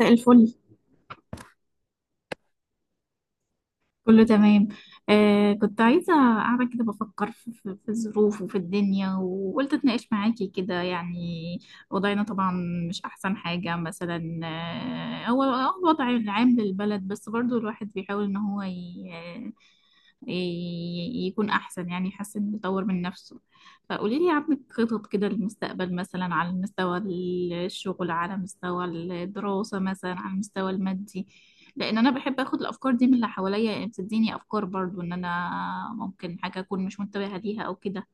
مساء الفل. كله تمام. كنت عايزة قاعدة كده بفكر في الظروف وفي الدنيا، وقلت اتناقش معاكي كده يعني. وضعنا طبعا مش أحسن حاجة مثلا، هو الوضع العام للبلد، بس برضو الواحد بيحاول إن هو يكون أحسن، يعني يحسن يطور من نفسه. فقولي لي، عندك خطط كده للمستقبل مثلا على مستوى الشغل، على مستوى الدراسة، مثلا على المستوى المادي؟ لان انا بحب اخد الافكار دي من اللي حواليا، يعني بتديني افكار برضو ان انا ممكن حاجه اكون مش منتبهه ليها او كده.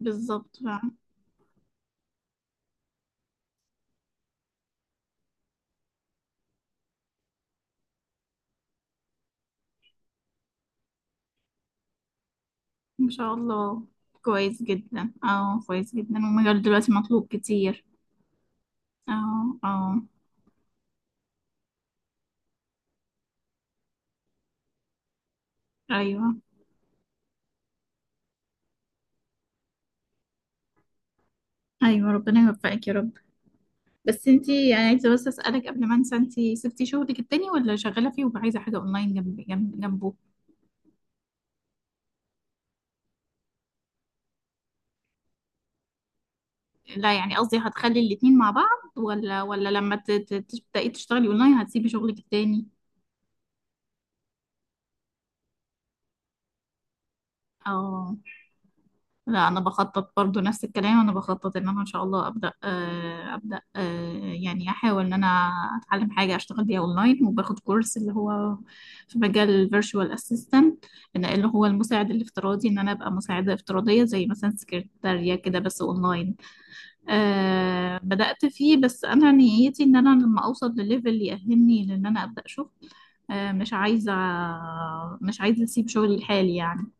بالظبط فعلا. ما شاء الله. كويس جدا، اه، كويس جدا، والمجال دلوقتي مطلوب كتير. اه، اه. ايوه، ايوه. ربنا يوفقك يا رب. بس انتي، يعني عايزه بس اسالك قبل ما انسى، انتي سبتي شغلك التاني ولا شغاله فيه وعايزه حاجه اونلاين جنبه؟ لا، يعني قصدي، هتخلي الاتنين مع بعض ولا لما تبداي تشتغلي اونلاين هتسيبي شغلك التاني؟ اه. لا، انا بخطط برضو نفس الكلام. انا بخطط ان انا ان شاء الله ابدا، ابدا، يعني احاول ان انا اتعلم حاجه اشتغل بيها اونلاين، وباخد كورس اللي هو في مجال الفيرتشوال اسيستنت، اللي هو المساعد الافتراضي، ان انا ابقى مساعده افتراضيه زي مثلا سكرتاريه كده، بس اونلاين. بدات فيه، بس انا نيتي ان انا لما اوصل لليفل يأهلني لان انا ابدا شغل. أه مش عايزه مش عايزه اسيب شغلي الحالي يعني.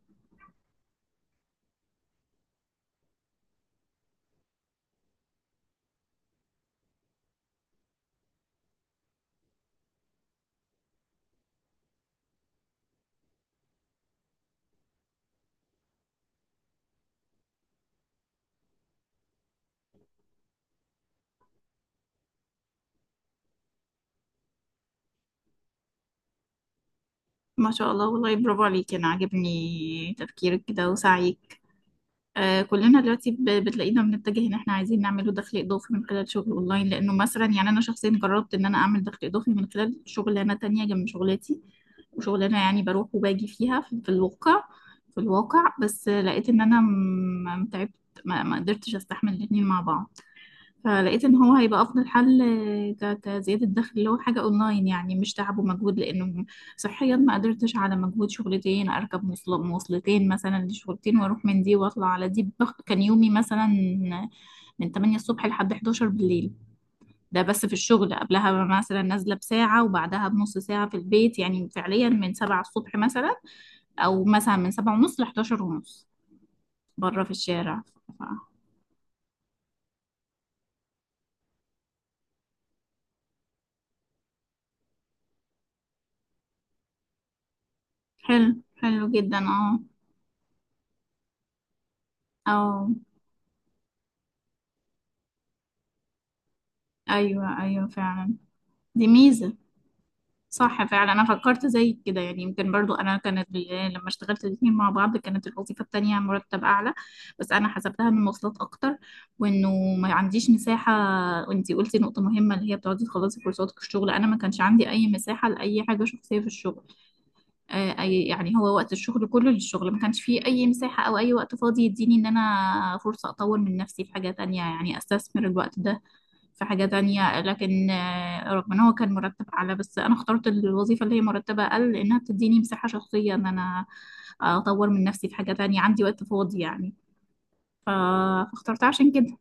ما شاء الله، والله برافو عليك، انا عاجبني تفكيرك كده وسعيك. كلنا دلوقتي بتلاقينا بنتجه ان احنا عايزين نعمله دخل اضافي من خلال شغل اونلاين، لانه مثلا يعني انا شخصيا جربت ان انا اعمل دخل اضافي من خلال شغلانه تانية جنب شغلتي. وشغلانه يعني بروح وباجي فيها في الواقع، بس لقيت ان انا تعبت. ما قدرتش استحمل الاتنين مع بعض. فلقيت ان هو هيبقى افضل حل، كزياده دخل اللي هو حاجه اونلاين، يعني مش تعب ومجهود لانه صحيا ما قدرتش على مجهود شغلتين. اركب مواصلتين مثلا لشغلتين، واروح من دي واطلع على دي. كان يومي مثلا من 8 الصبح لحد 11 بالليل. ده بس في الشغل، قبلها مثلا نازله بساعه وبعدها بنص ساعه في البيت، يعني فعليا من 7 الصبح مثلا، او مثلا من 7 ونص ل 11 ونص بره في الشارع. ف- حلو، حلو جدا، اه، اه. ايوه، ايوه فعلا. دي ميزة. صح فعلا، أنا فكرت زي كده يعني. يمكن برضو أنا كانت يعني لما اشتغلت الاتنين مع بعض كانت الوظيفة التانية مرتب أعلى، بس أنا حسبتها من مواصلات أكتر، وإنه ما عنديش مساحة. وإنتي قلتي نقطة مهمة اللي هي بتقعدي تخلصي كورساتك في الشغل. أنا ما كانش عندي أي مساحة لأي حاجة شخصية في الشغل. آه، أي يعني هو وقت الشغل كله للشغل، ما كانش فيه أي مساحة أو أي وقت فاضي يديني إن أنا فرصة أطور من نفسي في حاجة تانية، يعني أستثمر الوقت ده في حاجة تانية. لكن رغم ان هو كان مرتب اعلى، بس انا اخترت الوظيفة اللي هي مرتبة اقل لانها بتديني مساحة شخصية ان انا اطور من نفسي في حاجة تانية، عندي وقت فاضي يعني، ف- فاخترتها عشان كده.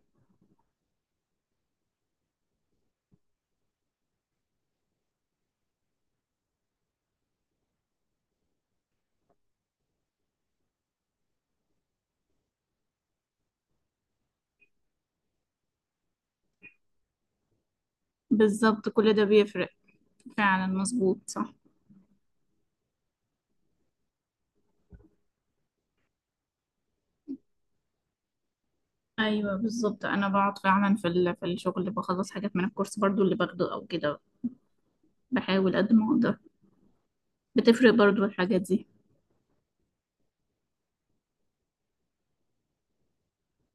بالظبط، كل ده بيفرق. فعلا، مظبوط، صح. ايوه بالظبط، انا بقعد فعلا في في الشغل بخلص حاجات من الكورس برضو اللي باخده او كده. بحاول قد ما اقدر. بتفرق برضو الحاجات دي.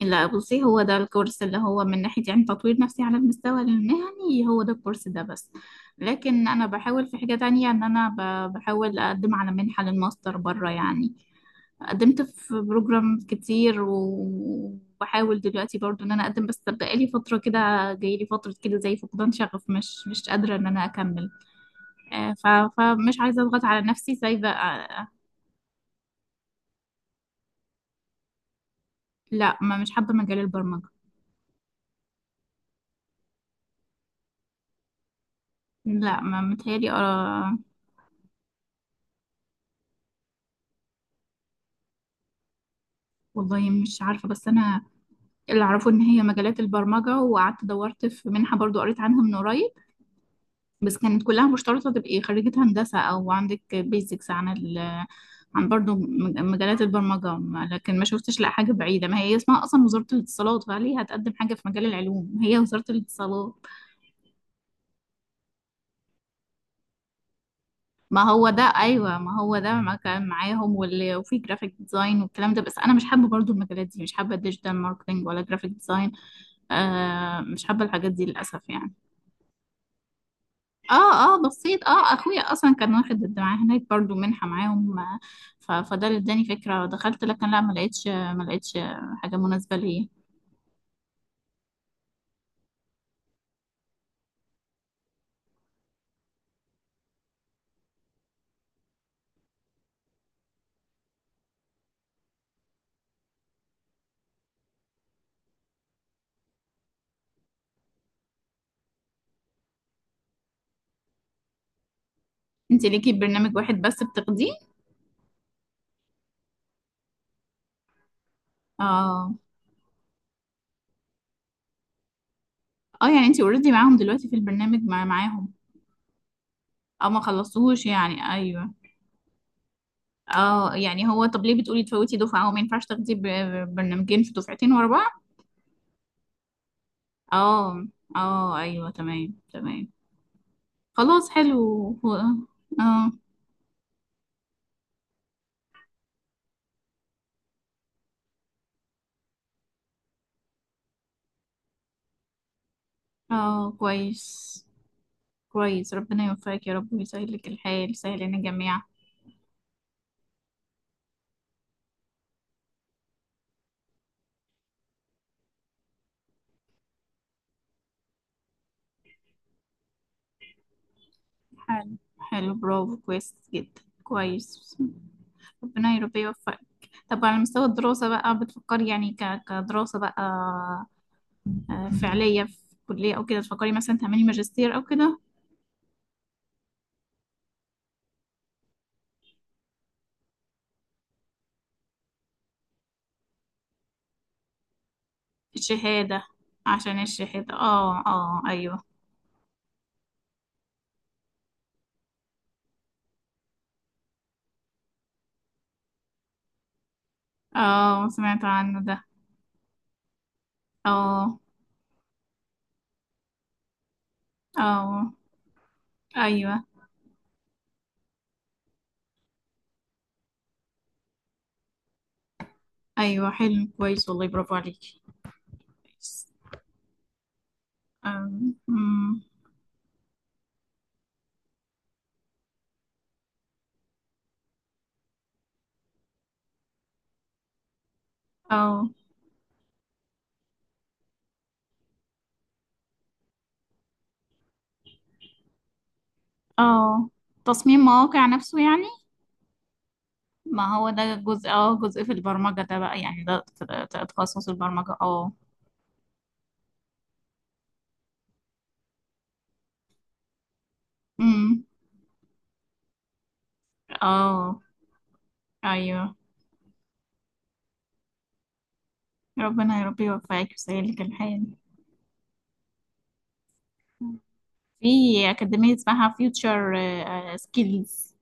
لا، بصي، هو ده الكورس اللي هو من ناحية يعني تطوير نفسي على المستوى المهني، هو ده الكورس ده بس. لكن أنا بحاول في حاجة تانية إن أنا بحاول أقدم على منحة للماستر بره يعني. قدمت في بروجرام كتير، وبحاول دلوقتي برضو إن أنا أقدم، بس بقالي فترة كده جايلي فترة كده زي فقدان شغف. مش قادرة إن أنا أكمل. آه، ف- فمش عايزة أضغط على نفسي سايبة. لا، ما مش حابة مجال البرمجة. لا، ما متهيألي. والله مش عارفة، بس أنا اللي اعرفه ان هي مجالات البرمجه. وقعدت دورت في منحه برضو قريت عنها من قريب، بس كانت كلها مشترطه تبقي خريجه هندسه او عندك بيزكس عن عن برضو مجالات البرمجه. لكن ما شفتش لا حاجه بعيده، ما هي اسمها اصلا وزاره الاتصالات، فليه هتقدم حاجه في مجال العلوم هي وزاره الاتصالات؟ ما هو ده، ايوه ما هو ده، ما كان معاهم واللي وفي جرافيك ديزاين والكلام ده، بس انا مش حابه برضو المجالات دي، مش حابه ديجيتال ماركتنج ولا جرافيك ديزاين. مش حابه الحاجات دي للاسف يعني. اه، اه، بصيت، اخويا اصلا كان واخد الدعاء هناك برضو منحة معاهم. فده اللي اداني فكرة، دخلت لكن لا، ما لقيتش حاجة مناسبة ليا. انت ليكي برنامج واحد بس بتاخديه؟ اه، اه، يعني انت اوريدي معاهم دلوقتي في البرنامج معاهم؟ اه، ما خلصتوهوش يعني، ايوه. اه، يعني هو طب ليه بتقولي تفوتي دفعة، هو ما ينفعش تاخدي برنامجين في دفعتين ورا بعض؟ اه، اه، ايوه، تمام، تمام، خلاص، حلو. هو- اه، اه، كويس، كويس، ربنا يوفقك يا رب، ويسهل لك الحال، يسهل لنا جميعا. حلو، حلو، برافو، كويس جدا، كويس. ربنا يا رب يوفقك. طب على مستوى الدراسة بقى، بتفكري يعني كدراسة بقى، فعلية في كلية أو كده، تفكري مثلا تعملي ماجستير أو كده؟ الشهادة، عشان الشهادة، اه، اه، أيوه. اه، سمعت عنه ده. اه، اه، أيوه، أيوه، حلو، كويس، والله برافو عليكي، كويس. أم، أم، اه، اه، تصميم مواقع نفسه يعني. ما هو ده جزء، جزء في البرمجة ده بقى يعني، ده تخصص البرمجة، اه. امم. اه، ايوه، ربنا يا رب يوفقك ويسهلك الحال. في أكاديمية اسمها فيوتشر سكيلز.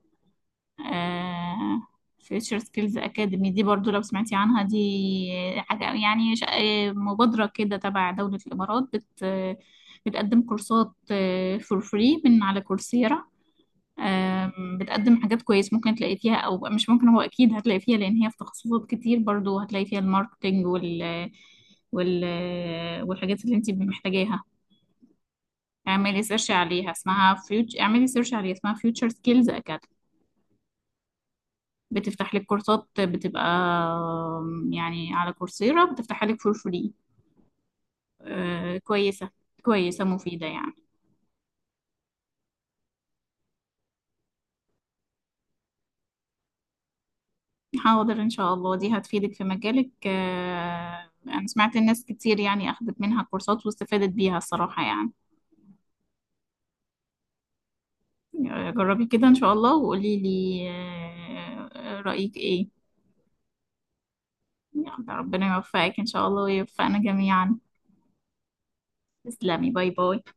فيوتشر سكيلز أكاديمي دي، برضو لو سمعتي عنها، دي حاجة يعني مبادرة كده تبع دولة الإمارات، بتقدم كورسات فور فري من على كورسيرا. بتقدم حاجات كويس ممكن تلاقي فيها، مش ممكن، هو اكيد هتلاقي فيها لان هي في تخصصات كتير، برضو هتلاقي فيها الماركتينج وال والحاجات اللي انت محتاجاها. اعملي سيرش عليها اسمها فيوتشر سكيلز اكاديمي. بتفتح لك كورسات بتبقى، يعني على كورسيرا بتفتح لك فور فري. كويسة. كويسة مفيدة يعني. حاضر إن شاء الله، دي هتفيدك في مجالك. أنا سمعت الناس كتير يعني أخدت منها كورسات واستفادت بيها الصراحة يعني. جربي كده إن شاء الله وقولي لي رأيك إيه. يلا، ربنا يوفقك إن شاء الله ويوفقنا جميعا. تسلمي، باي باي.